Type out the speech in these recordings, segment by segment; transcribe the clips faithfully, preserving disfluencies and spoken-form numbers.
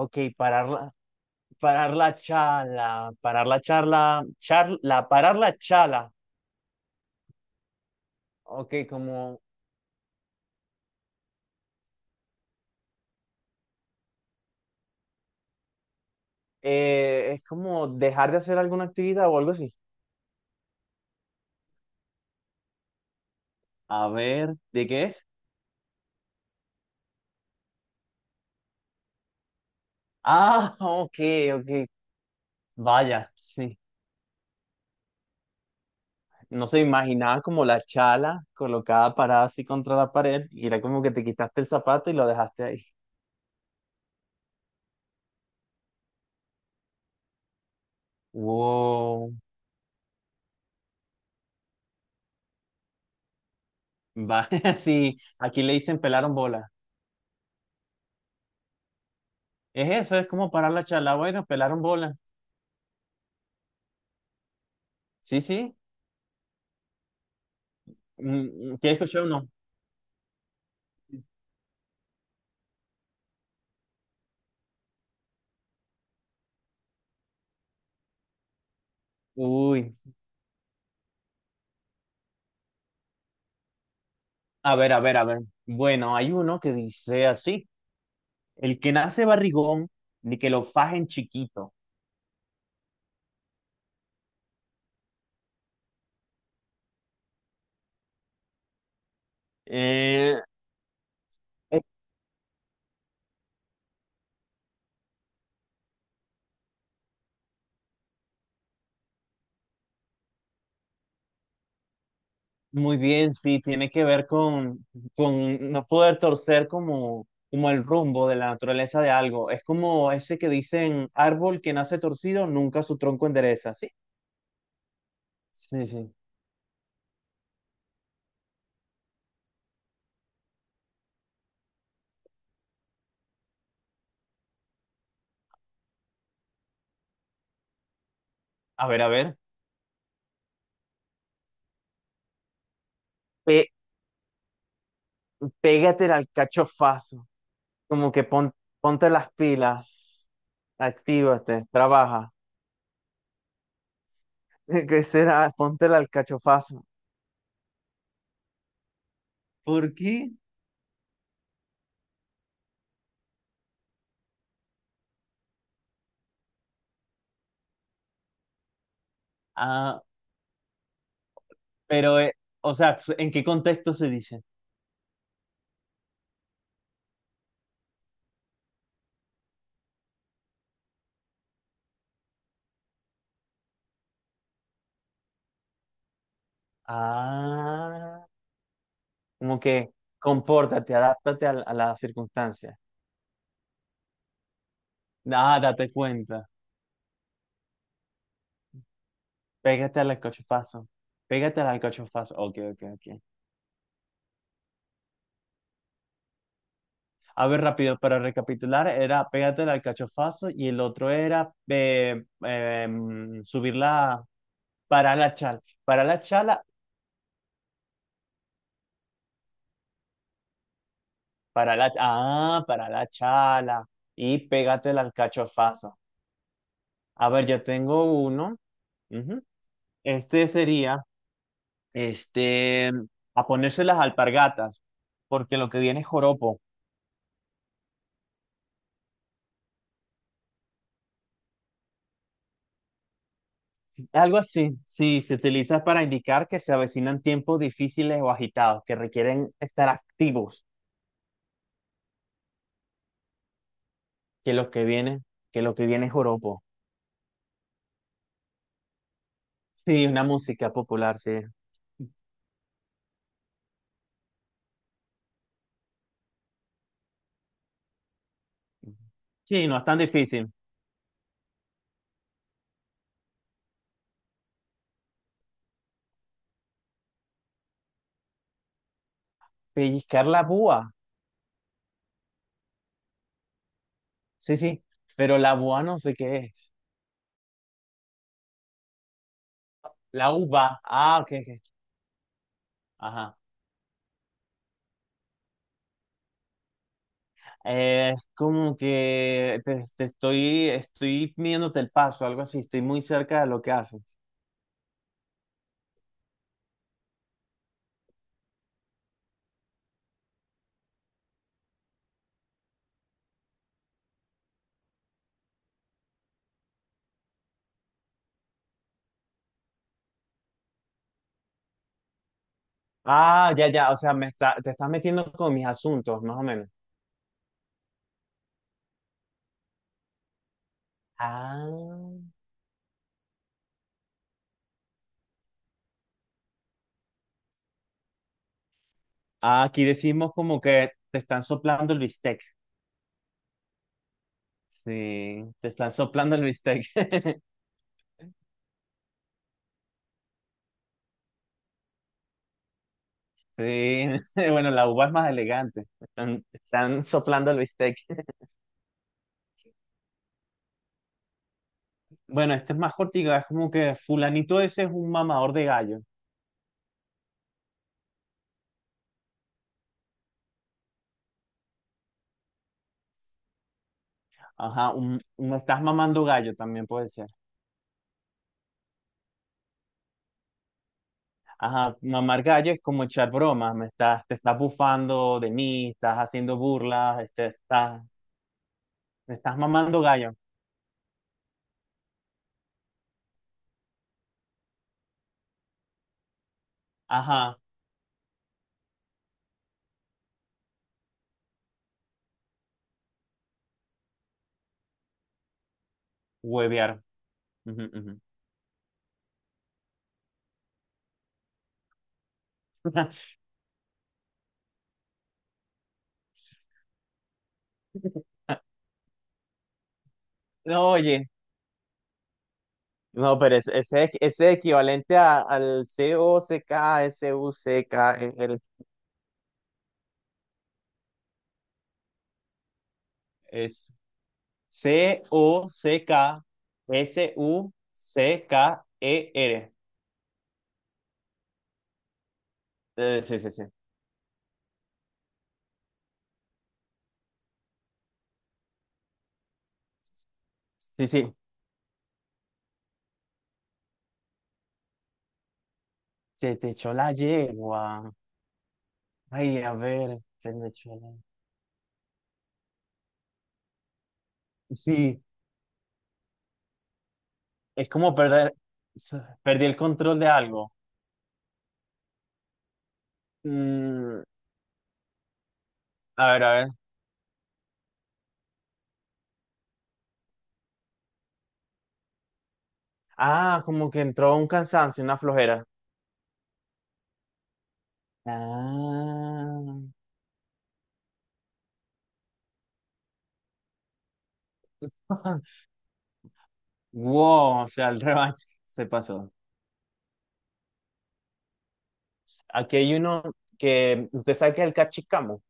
Ok, parar la, parar la charla, parar la charla, charla, parar la charla. Ok, como, eh, es como dejar de hacer alguna actividad o algo así. A ver, ¿de qué es? Ah, ok, ok, vaya, sí. No se imaginaba como la chala colocada parada así contra la pared y era como que te quitaste el zapato y lo dejaste ahí. Wow, vaya, sí, aquí le dicen pelaron bola. Es eso, es como parar la chala, bueno, pelaron bola. Sí, sí. Mm, mm. ¿Quieres escuchar uno? Uy. A ver, a ver, a ver. Bueno, hay uno que dice así: El que nace barrigón, ni que lo fajen chiquito. eh, Eh, Muy bien, sí, tiene que ver con, con no poder torcer como, como el rumbo de la naturaleza de algo. Es como ese que dicen, árbol que nace torcido, nunca su tronco endereza, ¿sí? Sí, sí. A ver, a ver. Pe- Pégate al cachofazo. Como que pon- ponte las pilas, actívate, trabaja. ¿Qué será? Ponte la alcachofazo. ¿Por qué? Ah, pero, eh, o sea, pues, ¿en qué contexto se dice? Ah, Como que compórtate, adáptate a, la- a las circunstancias. Ah, date cuenta. Pégate al alcachofazo. Pégate al alcachofazo. Ok, ok, ok. A ver, rápido, para recapitular, era pégate al alcachofazo y el otro era eh, em, subir la, para la chala, para la chala, para la, ah, para la chala. Y pégate la alcachofazo. A ver, yo tengo uno. Ujú. Este sería, este, a ponerse las alpargatas, porque lo que viene es joropo. Algo así, sí, se utiliza para indicar que se avecinan tiempos difíciles o agitados, que requieren estar activos, que lo que viene, que lo que viene es joropo. Sí, una música popular, sí. Sí, no es tan difícil. Pellizcar la búa. Sí, sí, pero la boa no sé qué es. La uva. Ah, ok, ok. Ajá. Eh, es como que te, te estoy, estoy midiéndote el paso, algo así. Estoy muy cerca de lo que haces. Ah, ya, ya. O sea, me está, te estás metiendo con mis asuntos, más o menos. Ah. Ah, aquí decimos como que te están soplando el bistec. Sí, te están soplando el bistec. Sí, bueno, la uva es más elegante. Están, están soplando el bistec. Bueno, este es más cortica, es como que fulanito ese es un mamador de gallo. Ajá, un, un- me estás mamando gallo también puede ser. Ajá, mamar gallo es como echar bromas, me estás, te estás bufando de mí, estás haciendo burlas, este, estás, me estás mamando gallo. Ajá, huevear. Ujú, ujú. No, oye, no, pero ese, ese, es ese es equivalente a- al C O C K, S U C K, el, C O C K S U C K E R. Eh, sí, sí, sí. Sí, sí. Se te echó la yegua. Ay, a ver. Se me echó la... Sí, es como perder. Perdí el control de algo. Mm, a ver, a ver. Ah, como que entró un cansancio, una flojera. Ah. Wow, o sea, el revanche se pasó. Aquí hay uno que usted sabe que es el cachicamo.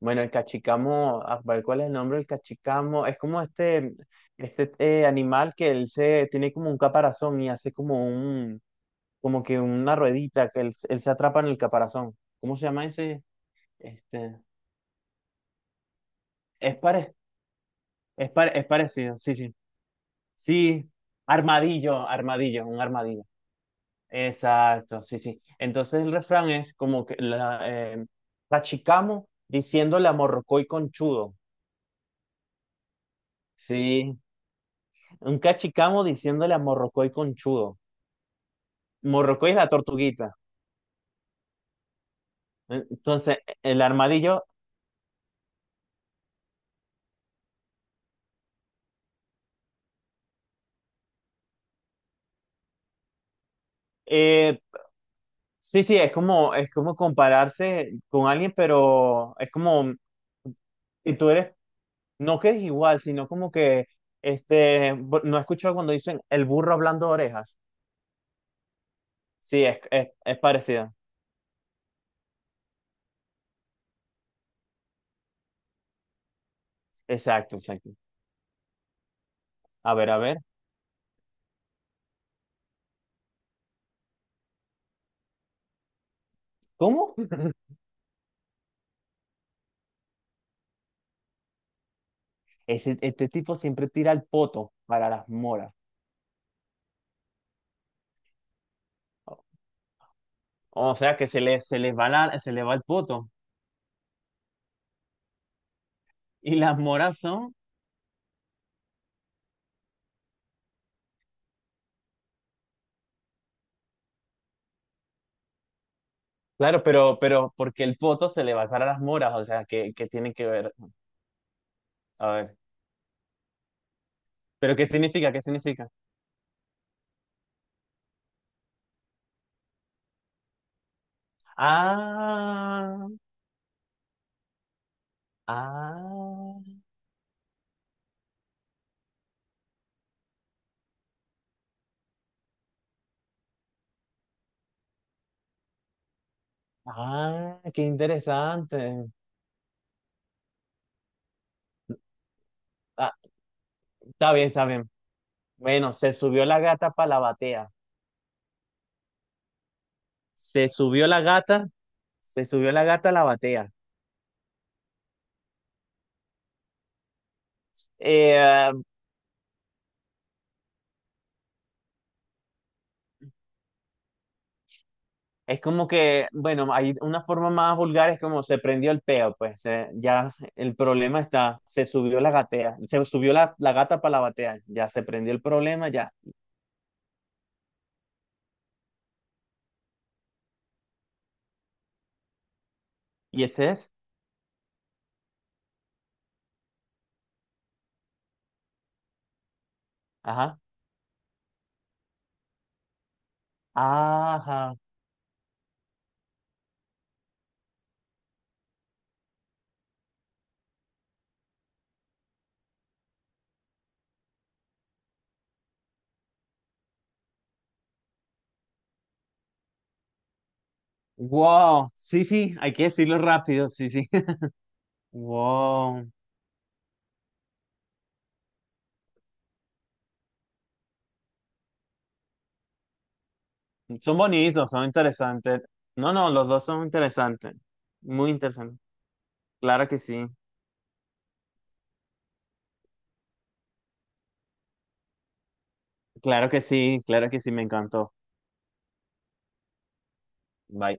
Bueno, el cachicamo. ah, ¿cuál cuál es el nombre del cachicamo? Es como este, este eh, animal que él se tiene como un caparazón y hace como un, como que una ruedita que él, él se atrapa en el caparazón. ¿Cómo se llama ese? Este, es pare, es pare- es parecido, sí, sí. Sí, armadillo, armadillo, un armadillo. Exacto, sí, sí. Entonces el refrán es como que la, eh, cachicamo diciéndole a morrocoy conchudo. Sí, un cachicamo diciéndole a Morrocoy conchudo. Morrocoy es la tortuguita. Entonces, el armadillo, eh, sí, sí, es como, es como compararse con alguien, pero es como y tú eres, no que eres igual, sino como que, este, bu- no he escuchado cuando dicen el burro hablando de orejas. Sí, es, es, es parecido. Exacto, exacto. A ver, a ver. ¿Cómo? Ese- este tipo siempre tira el poto para las moras. O sea que se le, se le va la- se le va el poto. Y las moras son, claro, pero, pero, ¿porque el poto se le va a dar a las moras? O sea, ¿qué, qué tiene que ver? A ver, pero ¿qué significa? ¿Qué significa? Ah, ah, ah, qué interesante. Ah, está bien, está bien. Bueno, se subió la gata para la batea. Se subió la gata, se subió la gata a la batea. Eh, Es como que, bueno, hay una forma más vulgar, es como se prendió el peo, pues eh, ya el problema está, se subió la gatea, se subió la, la gata para la batea, ya se prendió el problema, ya. Y ese es, ajá, ajá, wow, sí, sí, hay que decirlo rápido, sí, sí, wow, son bonitos, son interesantes. No, no, los dos son interesantes, muy interesantes. Claro que sí, claro que sí, claro que sí, me encantó. Bye.